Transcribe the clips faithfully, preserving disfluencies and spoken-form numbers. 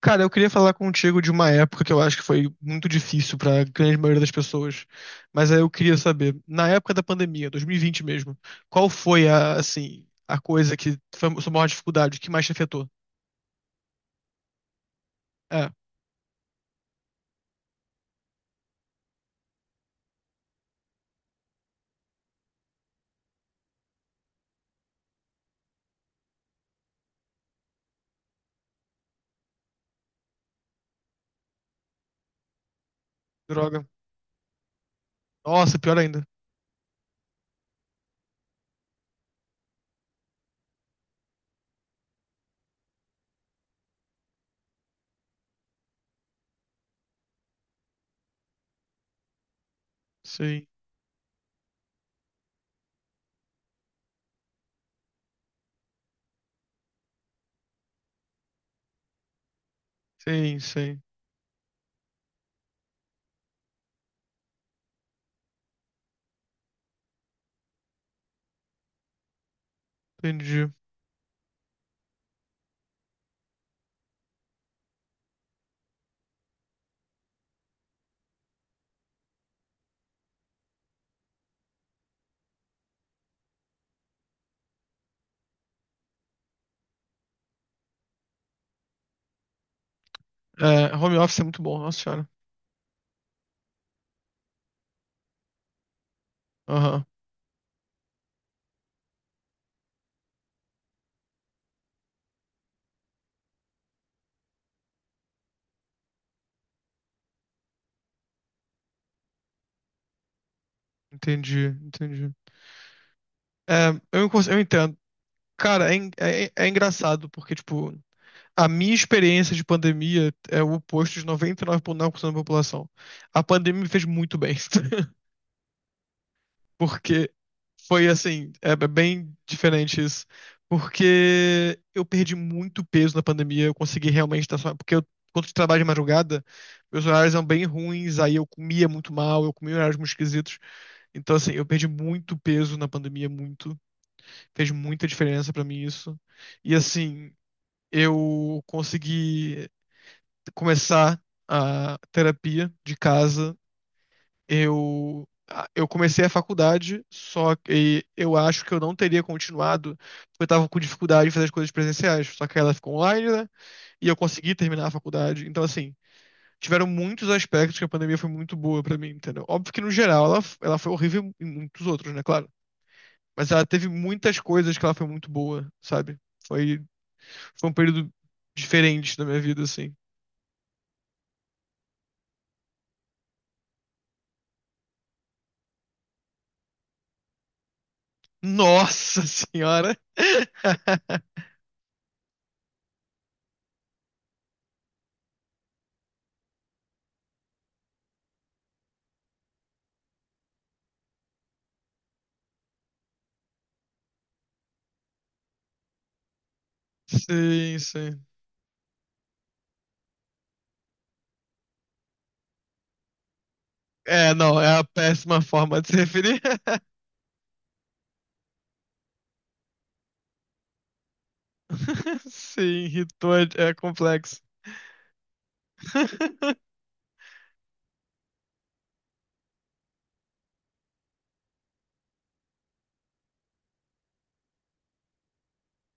Cara, eu queria falar contigo de uma época que eu acho que foi muito difícil pra grande maioria das pessoas, mas aí eu queria saber, na época da pandemia, dois mil e vinte mesmo, qual foi a, assim, a coisa que foi a sua maior dificuldade, o que mais te afetou? É, droga. Nossa, pior ainda. Sim, sim, sim. Entendi. É, home office é muito bom, nossa senhora. Aham, entendi, entendi. É, eu, encon- eu entendo. Cara, é, en- é, é engraçado, porque, tipo, a minha experiência de pandemia é o oposto de noventa e nove vírgula nove por cento da população. A pandemia me fez muito bem, porque foi assim, é bem diferente isso. Porque eu perdi muito peso na pandemia, eu consegui realmente estar só. Porque eu, quando eu trabalho de madrugada, meus horários eram bem ruins, aí eu comia muito mal, eu comia horários muito esquisitos. Então, assim, eu perdi muito peso na pandemia, muito. Fez muita diferença pra mim isso. E, assim, eu consegui começar a terapia de casa, eu eu comecei a faculdade, só que eu acho que eu não teria continuado, porque eu tava com dificuldade em fazer as coisas presenciais, só que ela ficou online, né? E eu consegui terminar a faculdade. Então, assim, tiveram muitos aspectos que a pandemia foi muito boa pra mim, entendeu? Óbvio que no geral ela, ela foi horrível em muitos outros, né, claro. Mas ela teve muitas coisas que ela foi muito boa, sabe? Foi, foi um período diferente da minha vida, assim. Nossa senhora! Sim, sim. É, não, é a péssima forma de se referir. Sim, irritou é é complexo.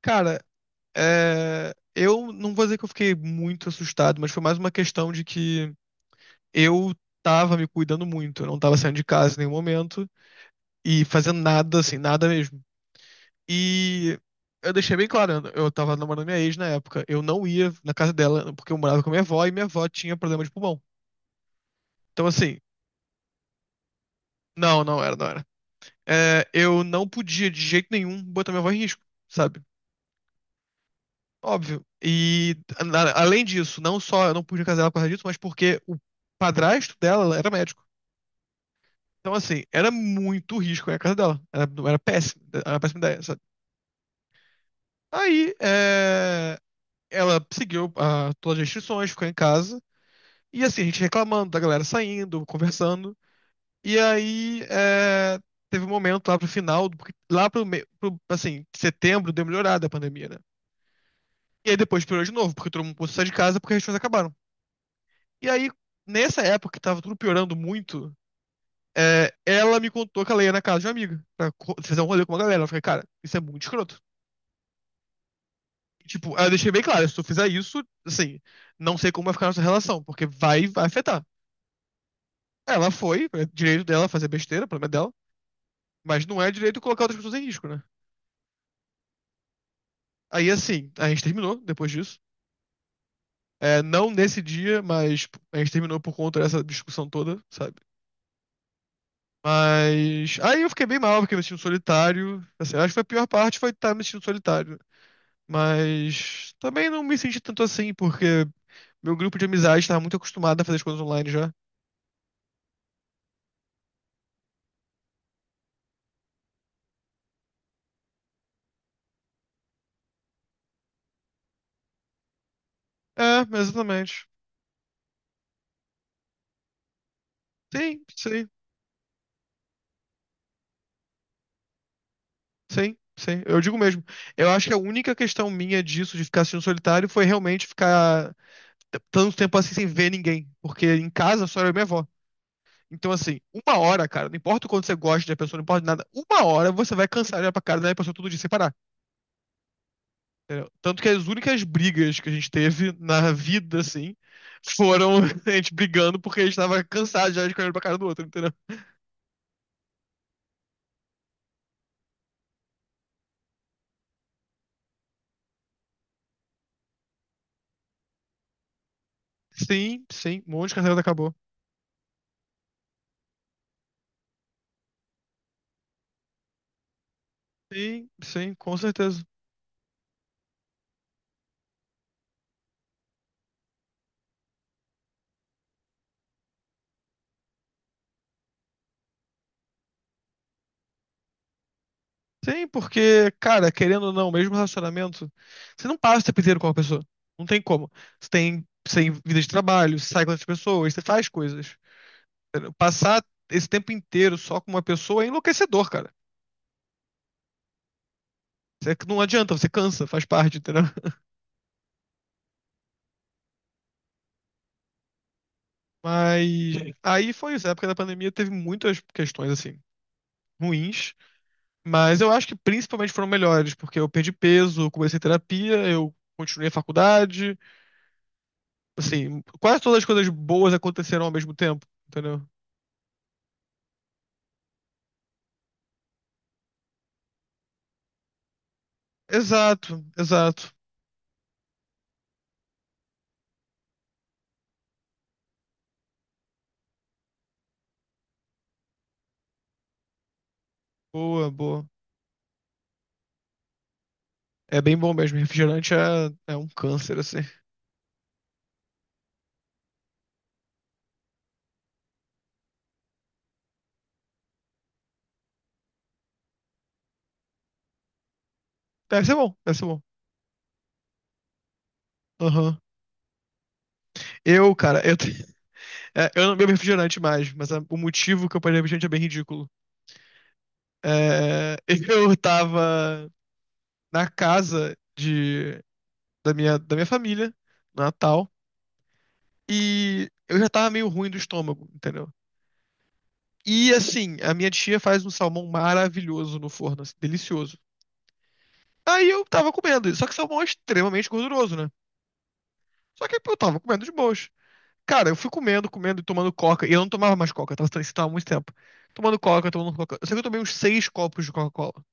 Cara, é, eu não vou dizer que eu fiquei muito assustado, mas foi mais uma questão de que eu tava me cuidando muito, eu não tava saindo de casa em nenhum momento e fazendo nada, assim, nada mesmo. E eu deixei bem claro, né, eu tava namorando minha ex na época, eu não ia na casa dela porque eu morava com a minha avó e minha avó tinha problema de pulmão. Então, assim, não, não era, não era. É, eu não podia, de jeito nenhum, botar minha avó em risco, sabe? Óbvio. E, a- além disso, não só eu não podia casar ela por causa disso, mas porque o padrasto dela era médico. Então, assim, era muito risco ir à casa dela. Era, era péssimo, era uma péssima ideia, sabe? Aí, é, ela seguiu ah, todas as restrições, ficou em casa. E, assim, a gente reclamando da galera saindo, conversando. E aí, é, teve um momento lá pro final, porque lá pro, me- pro, assim, setembro deu melhorada a pandemia, né? E aí depois piorou de novo, porque todo mundo pôs sair de casa porque as restrições acabaram. E aí, nessa época que tava tudo piorando muito, é, ela me contou que ela ia na casa de uma amiga pra co- fazer um rolê com uma galera. Eu falei, cara, isso é muito escroto. Tipo, aí eu deixei bem claro, se tu fizer isso, assim, não sei como vai ficar a nossa relação, porque vai, vai afetar. Ela foi, é direito dela fazer besteira, problema é dela, mas não é direito colocar outras pessoas em risco, né? Aí assim, a gente terminou depois disso. É, não nesse dia, mas a gente terminou por conta dessa discussão toda, sabe? Mas aí eu fiquei bem mal, fiquei me sentindo solitário. Assim, acho que foi a pior parte foi estar me sentindo solitário. Mas também não me senti tanto assim, porque meu grupo de amizade estava muito acostumado a fazer as coisas online já. É, exatamente. Sim, sim, sim, sim. Eu digo mesmo. Eu acho que a única questão minha disso, de ficar sentindo solitário, foi realmente ficar tanto tempo assim sem ver ninguém. Porque em casa só era eu e minha avó. Então, assim, uma hora, cara, não importa o quanto você gosta da pessoa, não importa nada, uma hora você vai cansar de olhar pra cara da pessoa todo dia sem parar. Entendeu? Tanto que as únicas brigas que a gente teve na vida, assim, foram a gente brigando porque a gente tava cansado já de olhar pra cara do outro, entendeu? Sim, sim, um monte de casamento acabou. Sim, sim, com certeza. Sim, porque, cara, querendo ou não, mesmo relacionamento, você não passa o tempo inteiro com uma pessoa. Não tem como. Você tem, você tem vida de trabalho, você sai com outras pessoas, você faz coisas. Passar esse tempo inteiro só com uma pessoa é enlouquecedor, cara. Você- Não adianta, você cansa, faz parte, entendeu? Mas aí foi isso. A época da pandemia teve muitas questões, assim, ruins. Mas eu acho que principalmente foram melhores, porque eu perdi peso, comecei terapia, eu continuei a faculdade. Assim, quase todas as coisas boas aconteceram ao mesmo tempo, entendeu? Exato, exato. Boa, boa. É bem bom mesmo. Refrigerante é, é um câncer, assim. Deve ser bom, deve ser bom. Aham. Eu, cara, eu, te- É, eu não bebo refrigerante mais, mas a- o motivo que eu parei de beber refrigerante é bem ridículo. É, eu tava na casa de, da minha, da minha família, no Natal, e eu já tava meio ruim do estômago, entendeu? E assim, a minha tia faz um salmão maravilhoso no forno, assim, delicioso. Aí eu tava comendo, só que salmão é extremamente gorduroso, né? Só que eu tava comendo de boas. Cara, eu fui comendo, comendo e tomando coca, e eu não tomava mais coca, eu tava, isso tava há muito tempo. Tomando coca, tomando coca. Eu sei que eu tomei uns seis copos de Coca-Cola.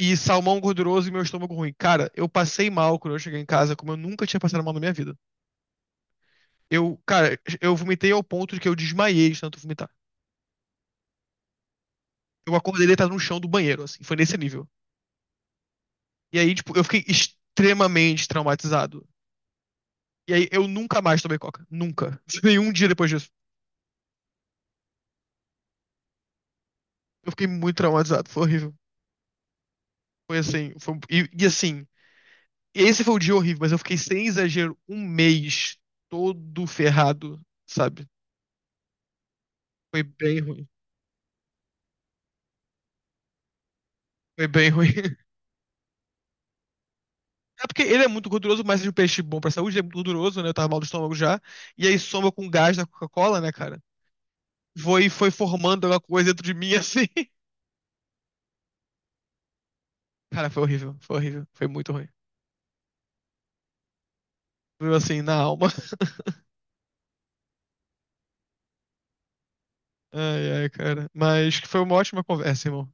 E salmão gorduroso e meu estômago ruim. Cara, eu passei mal quando eu cheguei em casa, como eu nunca tinha passado mal na minha vida. Eu, cara, eu vomitei ao ponto de que eu desmaiei de tanto vomitar. Eu acordei deitado no chão do banheiro, assim, foi nesse nível. E aí, tipo, eu fiquei extremamente traumatizado. E aí, eu nunca mais tomei coca. Nunca. Nenhum dia depois disso. Eu fiquei muito traumatizado, foi horrível. Foi assim, foi... E, e assim, esse foi o dia horrível, mas eu fiquei sem exagero um mês todo ferrado, sabe? Foi bem ruim. Foi bem ruim. É porque ele é muito gorduroso, mas é um peixe bom pra saúde, ele é muito gorduroso, né? Eu tava mal do estômago já. E aí soma com o gás da Coca-Cola, né, cara? Foi, foi formando alguma coisa dentro de mim, assim. Cara, foi horrível, foi horrível. Foi muito ruim. Foi assim, na alma. Ai, ai, cara. Mas que foi uma ótima conversa, irmão.